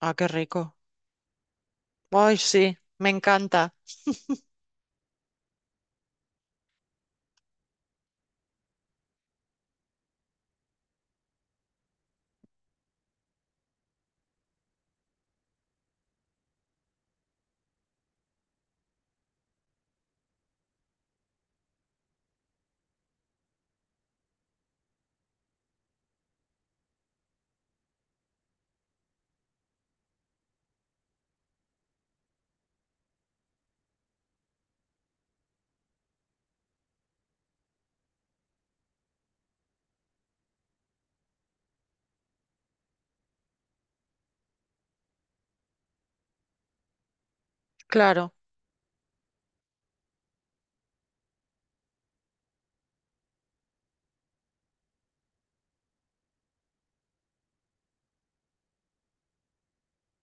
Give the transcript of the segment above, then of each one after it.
Ah, qué rico. Ay, sí, me encanta. Claro.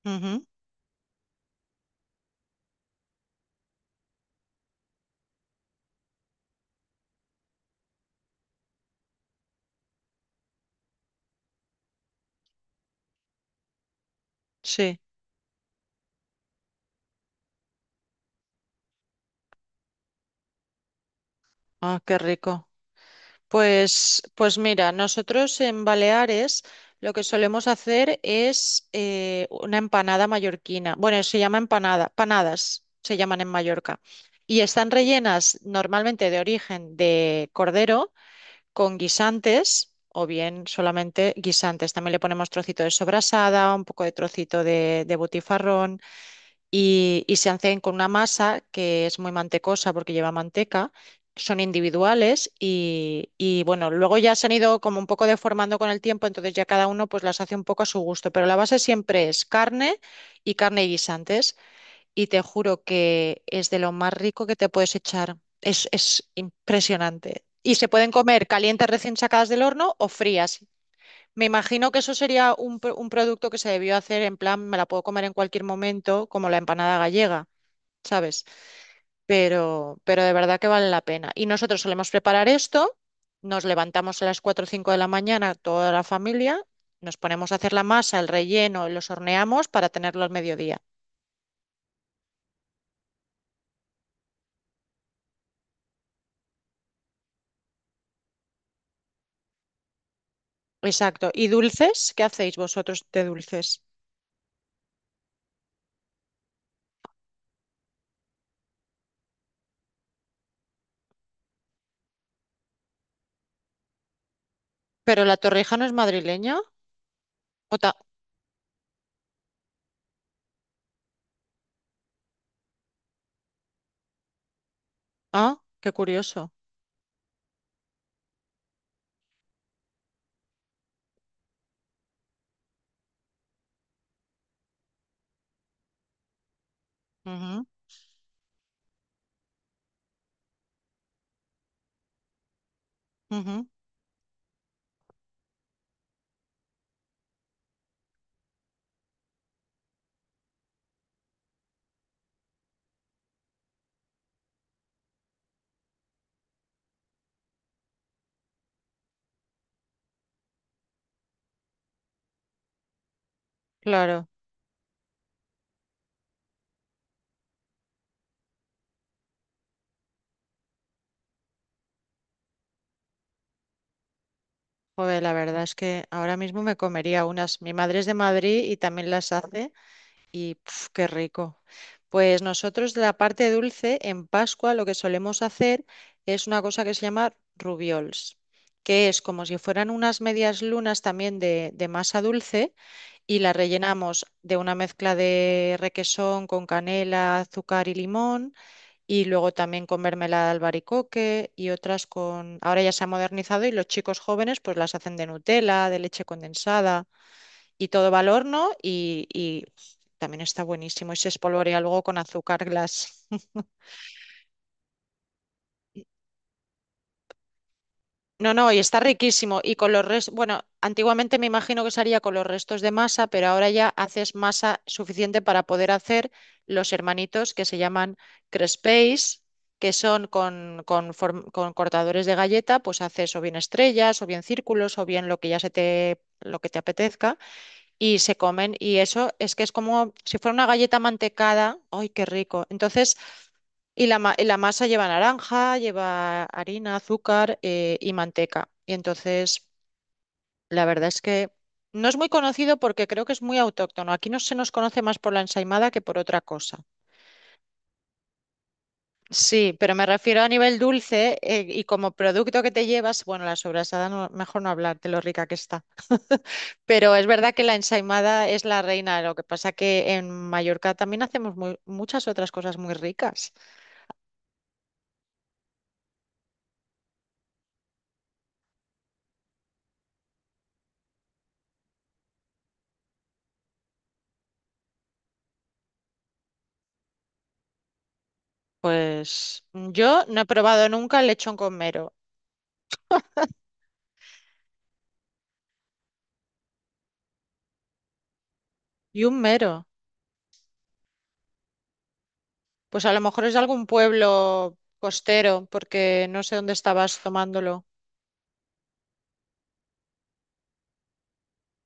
Ujú. Sí. Ah, qué rico. Pues mira, nosotros en Baleares lo que solemos hacer es una empanada mallorquina. Bueno, se llama empanada, panadas se llaman en Mallorca. Y están rellenas normalmente de origen de cordero con guisantes o bien solamente guisantes. También le ponemos trocito de sobrasada, un poco de trocito de butifarrón. Y se hacen con una masa que es muy mantecosa porque lleva manteca. Son individuales y, bueno, luego ya se han ido como un poco deformando con el tiempo. Entonces, ya cada uno pues las hace un poco a su gusto, pero la base siempre es carne y carne y guisantes, y te juro que es de lo más rico que te puedes echar. Es impresionante. Y se pueden comer calientes recién sacadas del horno o frías. Me imagino que eso sería un producto que se debió hacer en plan, me la puedo comer en cualquier momento, como la empanada gallega, ¿sabes? Pero de verdad que vale la pena. Y nosotros solemos preparar esto, nos levantamos a las cuatro o 5 de la mañana, toda la familia, nos ponemos a hacer la masa, el relleno, los horneamos para tenerlo al mediodía. Exacto. ¿Y dulces? ¿Qué hacéis vosotros de dulces? ¿Pero la torrija no es madrileña? ¿O ta-? Ah, qué curioso. Ujú, ujú, claro. Joder, la verdad es que ahora mismo me comería unas. Mi madre es de Madrid y también las hace. Y puf, qué rico. Pues nosotros de la parte dulce, en Pascua lo que solemos hacer es una cosa que se llama rubiols, que es como si fueran unas medias lunas también de masa dulce, y la rellenamos de una mezcla de requesón con canela, azúcar y limón, y luego también con mermelada de albaricoque y otras con. Ahora ya se ha modernizado y los chicos jóvenes pues las hacen de Nutella, de leche condensada, y todo va al horno y también está buenísimo y se espolvorea luego con azúcar glass. No, no, y está riquísimo. Y con los restos, bueno, antiguamente me imagino que se haría con los restos de masa, pero ahora ya haces masa suficiente para poder hacer los hermanitos que se llaman crespés, que son con cortadores de galleta, pues haces o bien estrellas, o bien círculos, o bien lo que te apetezca, y se comen. Y eso es que es como si fuera una galleta mantecada. ¡Ay, qué rico! Entonces la masa lleva naranja, lleva harina, azúcar y manteca. Y entonces, la verdad es que no es muy conocido porque creo que es muy autóctono. Aquí no se nos conoce más por la ensaimada que por otra cosa. Sí, pero me refiero a nivel dulce y como producto que te llevas, bueno, la sobrasada, mejor no hablar de lo rica que está. Pero es verdad que la ensaimada es la reina, lo que pasa que en Mallorca también hacemos muchas otras cosas muy ricas. Pues yo no he probado nunca el lechón con mero. ¿Y un mero? Pues a lo mejor es de algún pueblo costero, porque no sé dónde estabas tomándolo.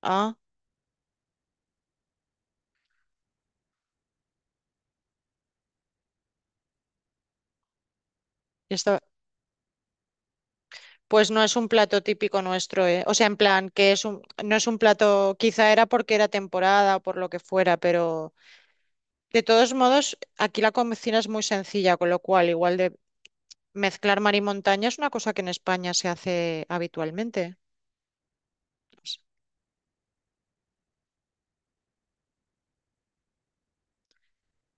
Ah, ya está. Pues no es un plato típico nuestro, ¿eh? O sea, en plan, que es no es un plato, quizá era porque era temporada o por lo que fuera, pero de todos modos, aquí la cocina es muy sencilla, con lo cual, igual de mezclar mar y montaña es una cosa que en España se hace habitualmente.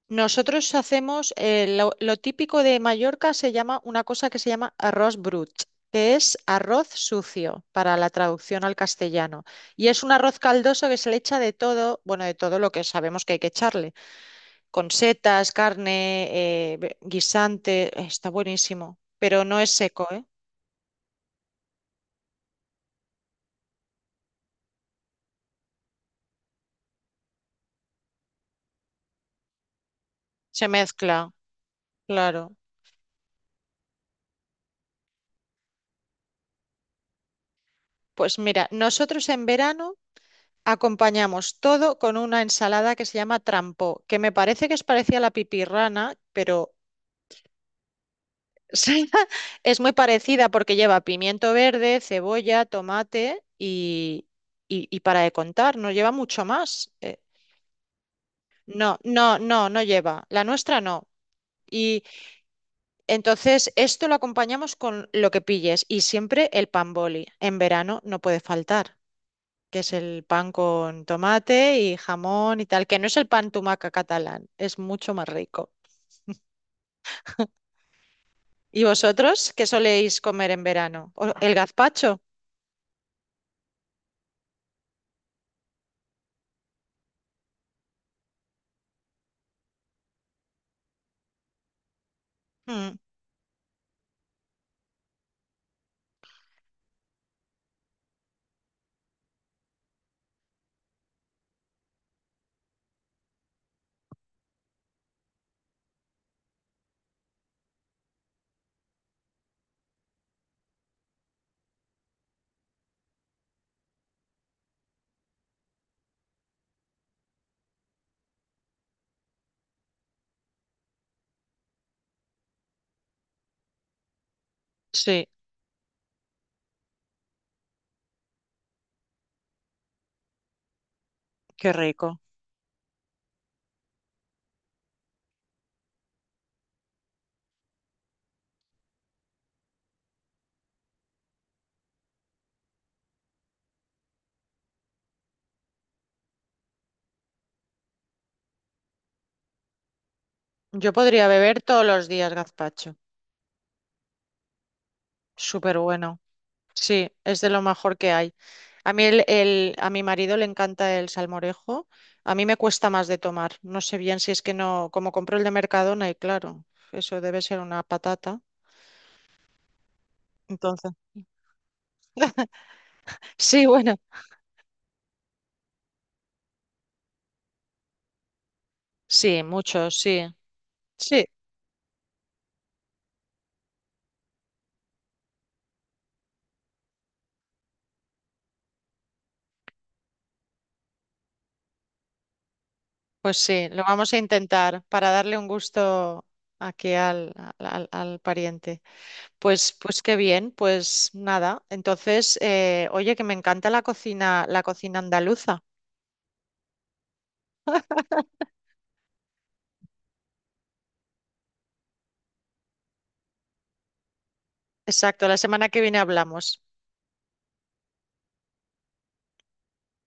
Nosotros hacemos lo típico de Mallorca se llama una cosa que se llama arroz brut, que es arroz sucio para la traducción al castellano. Y es un arroz caldoso que se le echa de todo, bueno, de todo lo que sabemos que hay que echarle, con setas, carne, guisante, está buenísimo, pero no es seco, ¿eh? Se mezcla, claro. Pues mira, nosotros en verano acompañamos todo con una ensalada que se llama trampó, que me parece que es parecida a la pipirrana, pero sí, es muy parecida porque lleva pimiento verde, cebolla, tomate y para de contar, no lleva mucho más. No, no, no, no lleva. La nuestra no. Y entonces esto lo acompañamos con lo que pilles y siempre el pan boli. En verano no puede faltar, que es el pan con tomate y jamón y tal, que no es el pan tumaca catalán, es mucho más rico. ¿Y vosotros qué soléis comer en verano? ¿O-? ¿El gazpacho? Mm, sí, qué rico. Yo podría beber todos los días gazpacho. Súper bueno. Sí, es de lo mejor que hay. A mí a mi marido le encanta el salmorejo. A mí me cuesta más de tomar. No sé bien si es que no, como compro el de Mercadona y claro, eso debe ser una patata. Entonces, sí, bueno, sí, mucho, sí. Sí, pues sí, lo vamos a intentar para darle un gusto aquí al pariente. Pues qué bien, pues nada. Entonces, oye, que me encanta la cocina, andaluza. Exacto, la semana que viene hablamos.